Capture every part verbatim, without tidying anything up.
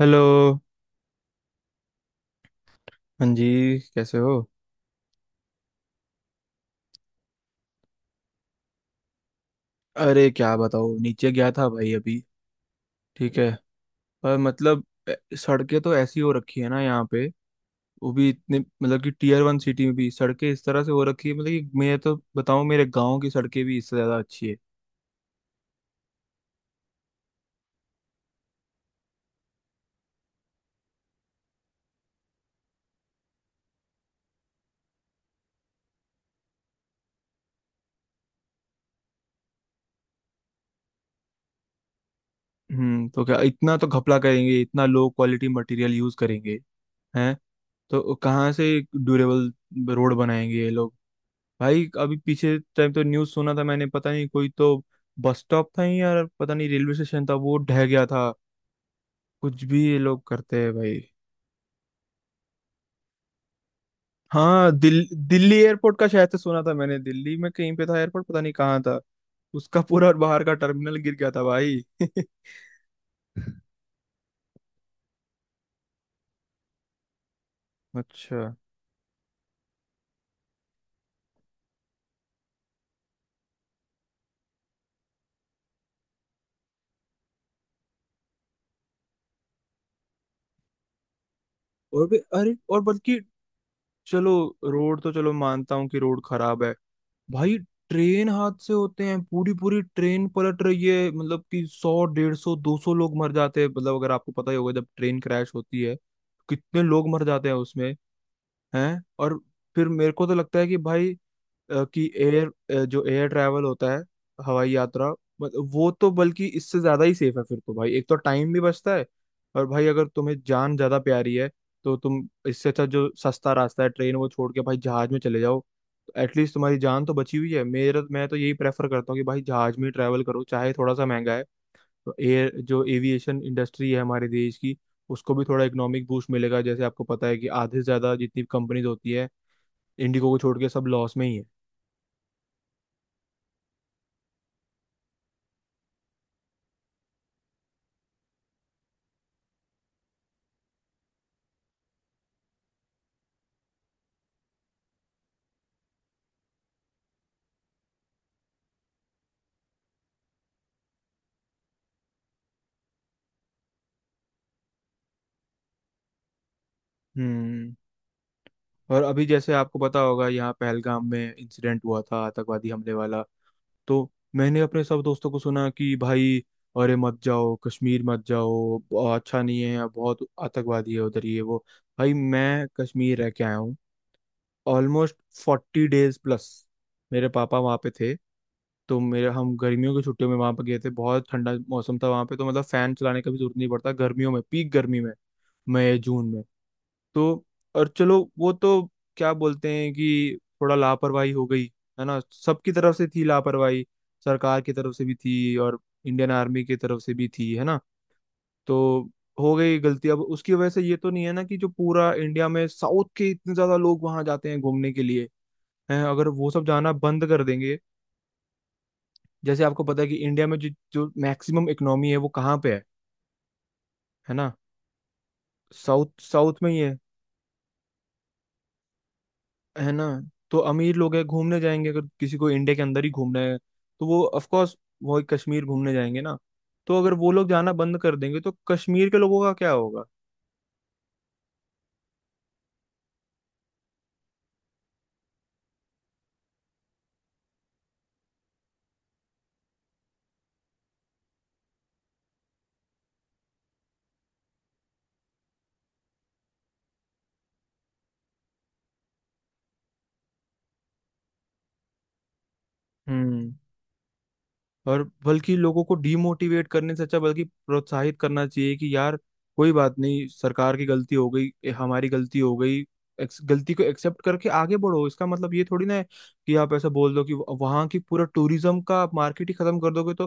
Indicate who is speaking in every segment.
Speaker 1: Hello. हाँ जी, कैसे हो? अरे क्या बताओ, नीचे गया था भाई अभी। ठीक है। पर मतलब ए- सड़कें तो ऐसी हो रखी है ना यहाँ पे। वो भी इतने, मतलब कि टीयर वन सिटी में भी सड़कें इस तरह से हो रखी है। मतलब कि मैं तो बताऊँ, मेरे गांव की सड़कें भी इससे ज्यादा अच्छी है। हम्म। तो क्या, इतना तो घपला करेंगे, इतना लो क्वालिटी मटेरियल यूज करेंगे। हैं? तो कहाँ से ड्यूरेबल रोड बनाएंगे ये लोग। भाई अभी पीछे टाइम तो न्यूज़ सुना था मैंने, पता नहीं कोई तो बस स्टॉप था ही यार, पता नहीं रेलवे स्टेशन था, वो ढह गया था। कुछ भी ये लोग करते हैं भाई। हाँ, दिल, दिल्ली एयरपोर्ट का शायद से सुना था मैंने, दिल्ली में कहीं पे था एयरपोर्ट, पता नहीं कहाँ था। उसका पूरा और बाहर का टर्मिनल गिर गया था भाई। अच्छा। और भी, अरे और बल्कि चलो, रोड तो चलो मानता हूँ कि रोड खराब है भाई। ट्रेन हादसे होते हैं, पूरी पूरी ट्रेन पलट रही है, मतलब कि सौ, डेढ़ सौ, दो सौ लोग मर जाते हैं। मतलब अगर आपको पता ही होगा, जब ट्रेन क्रैश होती है कितने लोग मर जाते हैं उसमें। हैं? और फिर मेरे को तो लगता है कि भाई अ, कि एयर जो एयर ट्रैवल होता है, हवाई यात्रा। मतलब वो तो बल्कि इससे ज्यादा ही सेफ है फिर तो भाई, एक तो टाइम भी बचता है, और भाई अगर तुम्हें जान ज्यादा प्यारी है तो तुम, इससे अच्छा जो सस्ता रास्ता है ट्रेन, वो छोड़ के भाई जहाज में चले जाओ। एटलीस्ट तुम्हारी जान तो बची हुई है। मेरा मैं तो यही प्रेफर करता हूँ कि भाई जहाज में ट्रैवल करो, चाहे थोड़ा सा महंगा है। तो एयर जो एविएशन इंडस्ट्री है हमारे देश की, उसको भी थोड़ा इकोनॉमिक बूस्ट मिलेगा। जैसे आपको पता है कि आधे से ज्यादा जितनी कंपनीज होती है, इंडिगो को छोड़ के सब लॉस में ही है। हम्म। और अभी जैसे आपको पता होगा, यहाँ पहलगाम में इंसिडेंट हुआ था, आतंकवादी हमले वाला। तो मैंने अपने सब दोस्तों को सुना कि भाई, अरे मत जाओ कश्मीर, मत जाओ, ब- अच्छा नहीं है, बहुत आतंकवादी है उधर, ये वो। भाई मैं कश्मीर रह के आया हूँ, ऑलमोस्ट फोर्टी डेज प्लस। मेरे पापा वहाँ पे थे, तो मेरे हम गर्मियों की छुट्टियों में वहाँ पे गए थे। बहुत ठंडा मौसम था वहाँ पे, तो मतलब फैन चलाने का भी जरूरत नहीं पड़ता गर्मियों में, पीक गर्मी में, मई जून में। तो, और चलो वो तो क्या बोलते हैं कि थोड़ा लापरवाही हो गई, है ना। सबकी तरफ से थी लापरवाही, सरकार की तरफ से भी थी, और इंडियन आर्मी की तरफ से भी थी, है ना। तो हो गई गलती, अब उसकी वजह से ये तो नहीं है ना कि जो पूरा इंडिया में साउथ के इतने ज्यादा लोग वहां जाते हैं घूमने के लिए, हैं, अगर वो सब जाना बंद कर देंगे। जैसे आपको पता है कि इंडिया में जो जो मैक्सिमम इकोनॉमी है वो कहाँ पे है है ना। साउथ, साउथ में ही है है ना। तो अमीर लोग है घूमने जाएंगे, अगर किसी को इंडिया के अंदर ही घूमना है तो वो ऑफ कोर्स वो कश्मीर घूमने जाएंगे ना। तो अगर वो लोग जाना बंद कर देंगे तो कश्मीर के लोगों का क्या होगा। हम्म। और बल्कि लोगों को डीमोटिवेट करने से अच्छा बल्कि प्रोत्साहित करना चाहिए कि यार, कोई बात नहीं, सरकार की गलती हो गई, ए, हमारी गलती हो गई। एक्स- गलती को एक्सेप्ट करके आगे बढ़ो, इसका मतलब ये थोड़ी ना है कि आप ऐसा बोल दो कि वहां की पूरा टूरिज्म का मार्केट ही खत्म कर दोगे, तो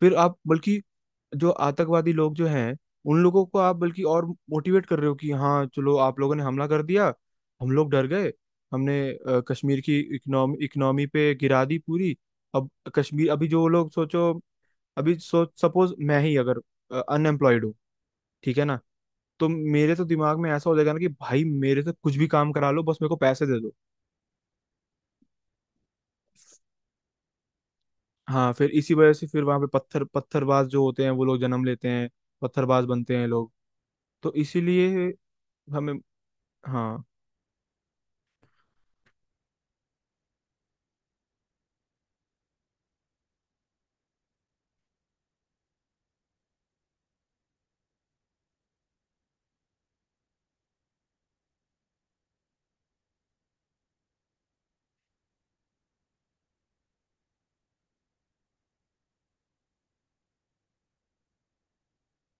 Speaker 1: फिर आप बल्कि जो आतंकवादी लोग जो हैं, उन लोगों को आप बल्कि और मोटिवेट कर रहे हो कि हाँ चलो, आप लोगों ने हमला कर दिया, हम लोग डर गए, हमने अ, कश्मीर की इकोनॉमी इकोनॉमी पे गिरा दी पूरी। अब कश्मीर अभी जो लोग सोचो, अभी सोच, सपोज मैं ही अगर अनएम्प्लॉयड हूँ, ठीक है ना, तो मेरे तो दिमाग में ऐसा हो जाएगा ना कि भाई मेरे से कुछ भी काम करा लो, बस मेरे को पैसे दे दो। हाँ, फिर इसी वजह से फिर वहां पे पत्थर पत्थरबाज जो होते हैं वो लोग जन्म लेते हैं, पत्थरबाज बनते हैं लोग। तो इसीलिए हमें, हाँ।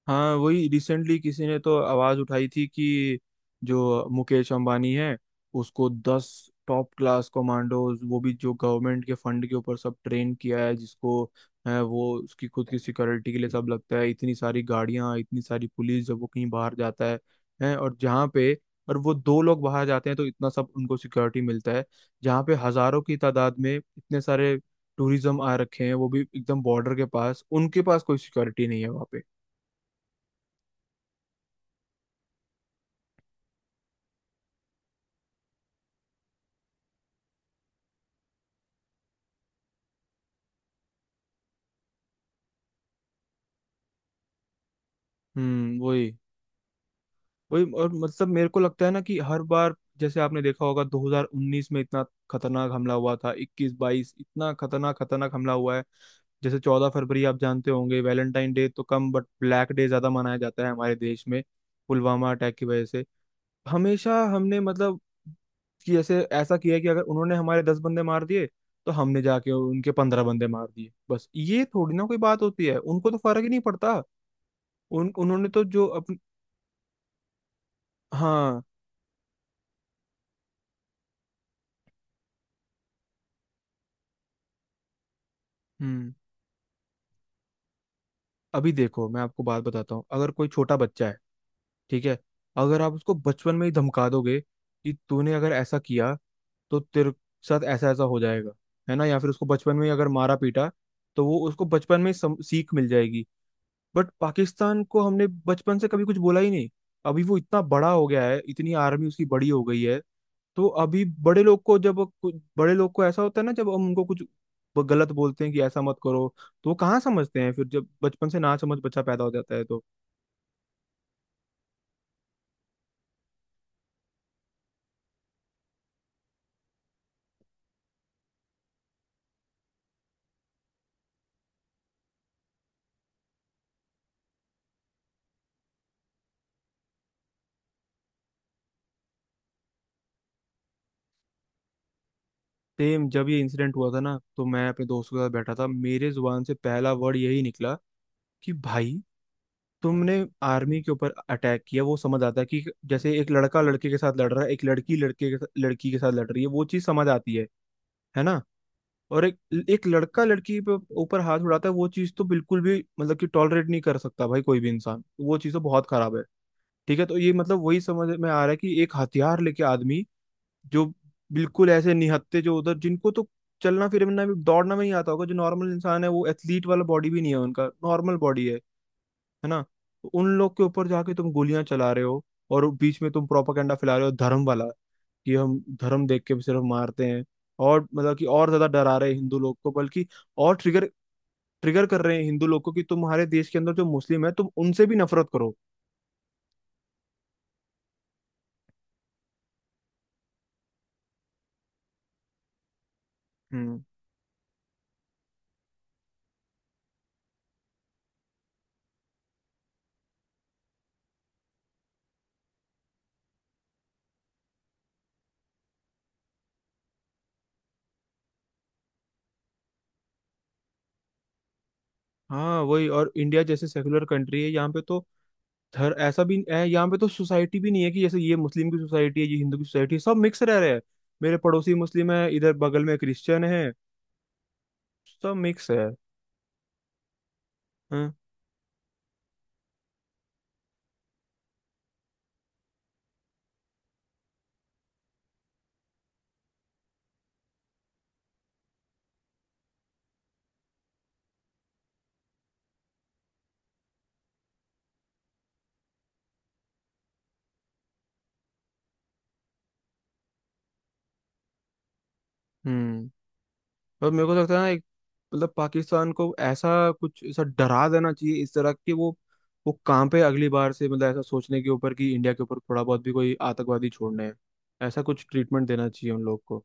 Speaker 1: हाँ, वही, रिसेंटली किसी ने तो आवाज उठाई थी कि जो मुकेश अंबानी है, उसको दस टॉप क्लास कमांडोज, वो भी जो गवर्नमेंट के फंड के ऊपर सब ट्रेन किया है जिसको, है वो उसकी खुद की सिक्योरिटी के लिए सब लगता है। इतनी सारी गाड़ियां, इतनी सारी पुलिस जब वो कहीं बाहर जाता है, है और जहाँ पे, और वो दो लोग बाहर जाते हैं तो इतना सब उनको सिक्योरिटी मिलता है। जहाँ पे हजारों की तादाद में इतने सारे टूरिज्म आ रखे हैं, वो भी एकदम बॉर्डर के पास, उनके पास कोई सिक्योरिटी नहीं है वहाँ पे। हम्म, वही, वही। और मतलब मेरे को लगता है ना कि हर बार जैसे आपने देखा होगा, दो हज़ार उन्नीस में इतना खतरनाक हमला हुआ था, इक्कीस बाईस इतना खतरनाक खतरनाक हमला हुआ है। जैसे 14 फरवरी आप जानते होंगे, वैलेंटाइन डे तो कम बट ब्लैक डे ज्यादा मनाया जाता है हमारे देश में, पुलवामा अटैक की वजह से। हमेशा हमने मतलब कि ऐसे ऐसा किया कि अगर उन्होंने हमारे दस बंदे मार दिए तो हमने जाके उनके पंद्रह बंदे मार दिए, बस ये थोड़ी ना कोई बात होती है, उनको तो फर्क ही नहीं पड़ता। उन उन्होंने तो जो अपन, हाँ। हम्म। अभी देखो मैं आपको बात बताता हूँ, अगर कोई छोटा बच्चा है, ठीक है, अगर आप उसको बचपन में ही धमका दोगे कि तूने अगर ऐसा किया तो तेरे साथ ऐसा ऐसा हो जाएगा, है ना, या फिर उसको बचपन में ही अगर मारा पीटा, तो वो उसको बचपन में ही सम, सीख मिल जाएगी। बट पाकिस्तान को हमने बचपन से कभी कुछ बोला ही नहीं। अभी वो इतना बड़ा हो गया है, इतनी आर्मी उसकी बड़ी हो गई है। तो अभी बड़े लोग को जब कुछ बड़े लोग को ऐसा होता है ना, जब हम उनको कुछ ब- गलत बोलते हैं कि ऐसा मत करो, तो वो कहाँ समझते हैं, फिर जब बचपन से ना समझ बच्चा पैदा हो जाता है तो। सेम, जब ये इंसिडेंट हुआ था ना, तो मैं अपने दोस्तों के साथ बैठा था, मेरे जुबान से पहला वर्ड यही निकला कि भाई, तुमने आर्मी के ऊपर अटैक किया वो समझ आता है कि जैसे एक लड़का लड़के के साथ लड़ रहा है, एक लड़की लड़के के साथ- लड़की के साथ लड़ रही है, वो चीज समझ आती है है ना। और एक एक लड़का लड़की पे ऊपर हाथ उड़ाता है, वो चीज तो बिल्कुल भी मतलब कि टॉलरेट नहीं कर सकता भाई कोई भी इंसान, वो चीज तो बहुत खराब है। ठीक है, तो ये मतलब वही समझ में आ रहा है कि एक हथियार लेके आदमी, जो बिल्कुल ऐसे निहत्ते जो उधर, जिनको तो चलना फिरना भी, दौड़ना भी नहीं आता होगा, जो नॉर्मल इंसान है, वो एथलीट वाला बॉडी भी नहीं है उनका, नॉर्मल बॉडी है है ना, तो उन लोग के ऊपर जाके तुम गोलियां चला रहे हो, और बीच में तुम प्रोपागेंडा फैला रहे हो धर्म वाला, कि हम धर्म देख के भी सिर्फ मारते हैं, और मतलब कि और ज्यादा डरा रहे हैं हिंदू लोग को बल्कि, और ट्रिगर ट्रिगर कर रहे हैं हिंदू लोग को कि तुम्हारे देश के अंदर जो मुस्लिम है तुम उनसे भी नफरत करो। हम्म। हाँ वही। और इंडिया जैसे सेकुलर कंट्री है, यहाँ पे तो धर ऐसा भी है यहाँ पे, तो सोसाइटी भी नहीं है कि जैसे ये मुस्लिम की सोसाइटी है, ये हिंदू की सोसाइटी है, सब मिक्स रह रहे हैं। मेरे पड़ोसी मुस्लिम है, इधर बगल में क्रिश्चियन है, सब मिक्स है। हाँ, हम्म। पर मेरे को तो लगता है ना, एक, मतलब पाकिस्तान को ऐसा कुछ ऐसा डरा देना चाहिए इस तरह कि वो वो काम पे अगली बार से, मतलब ऐसा सोचने के ऊपर कि इंडिया के ऊपर थोड़ा बहुत भी कोई आतंकवादी छोड़ने हैं, ऐसा कुछ ट्रीटमेंट देना चाहिए उन लोग को।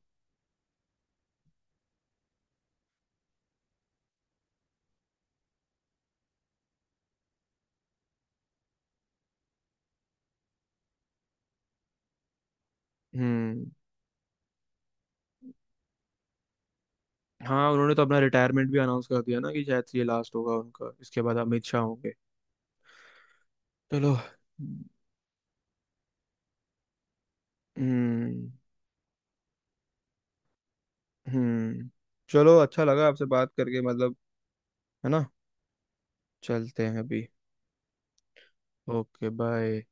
Speaker 1: हम्म। हाँ, उन्होंने तो अपना रिटायरमेंट भी अनाउंस कर दिया ना कि शायद से ये लास्ट होगा उनका, इसके बाद अमित शाह होंगे। चलो। हम्म, हम्म। चलो, अच्छा लगा आपसे बात करके, मतलब, है ना। चलते हैं अभी। Okay, bye.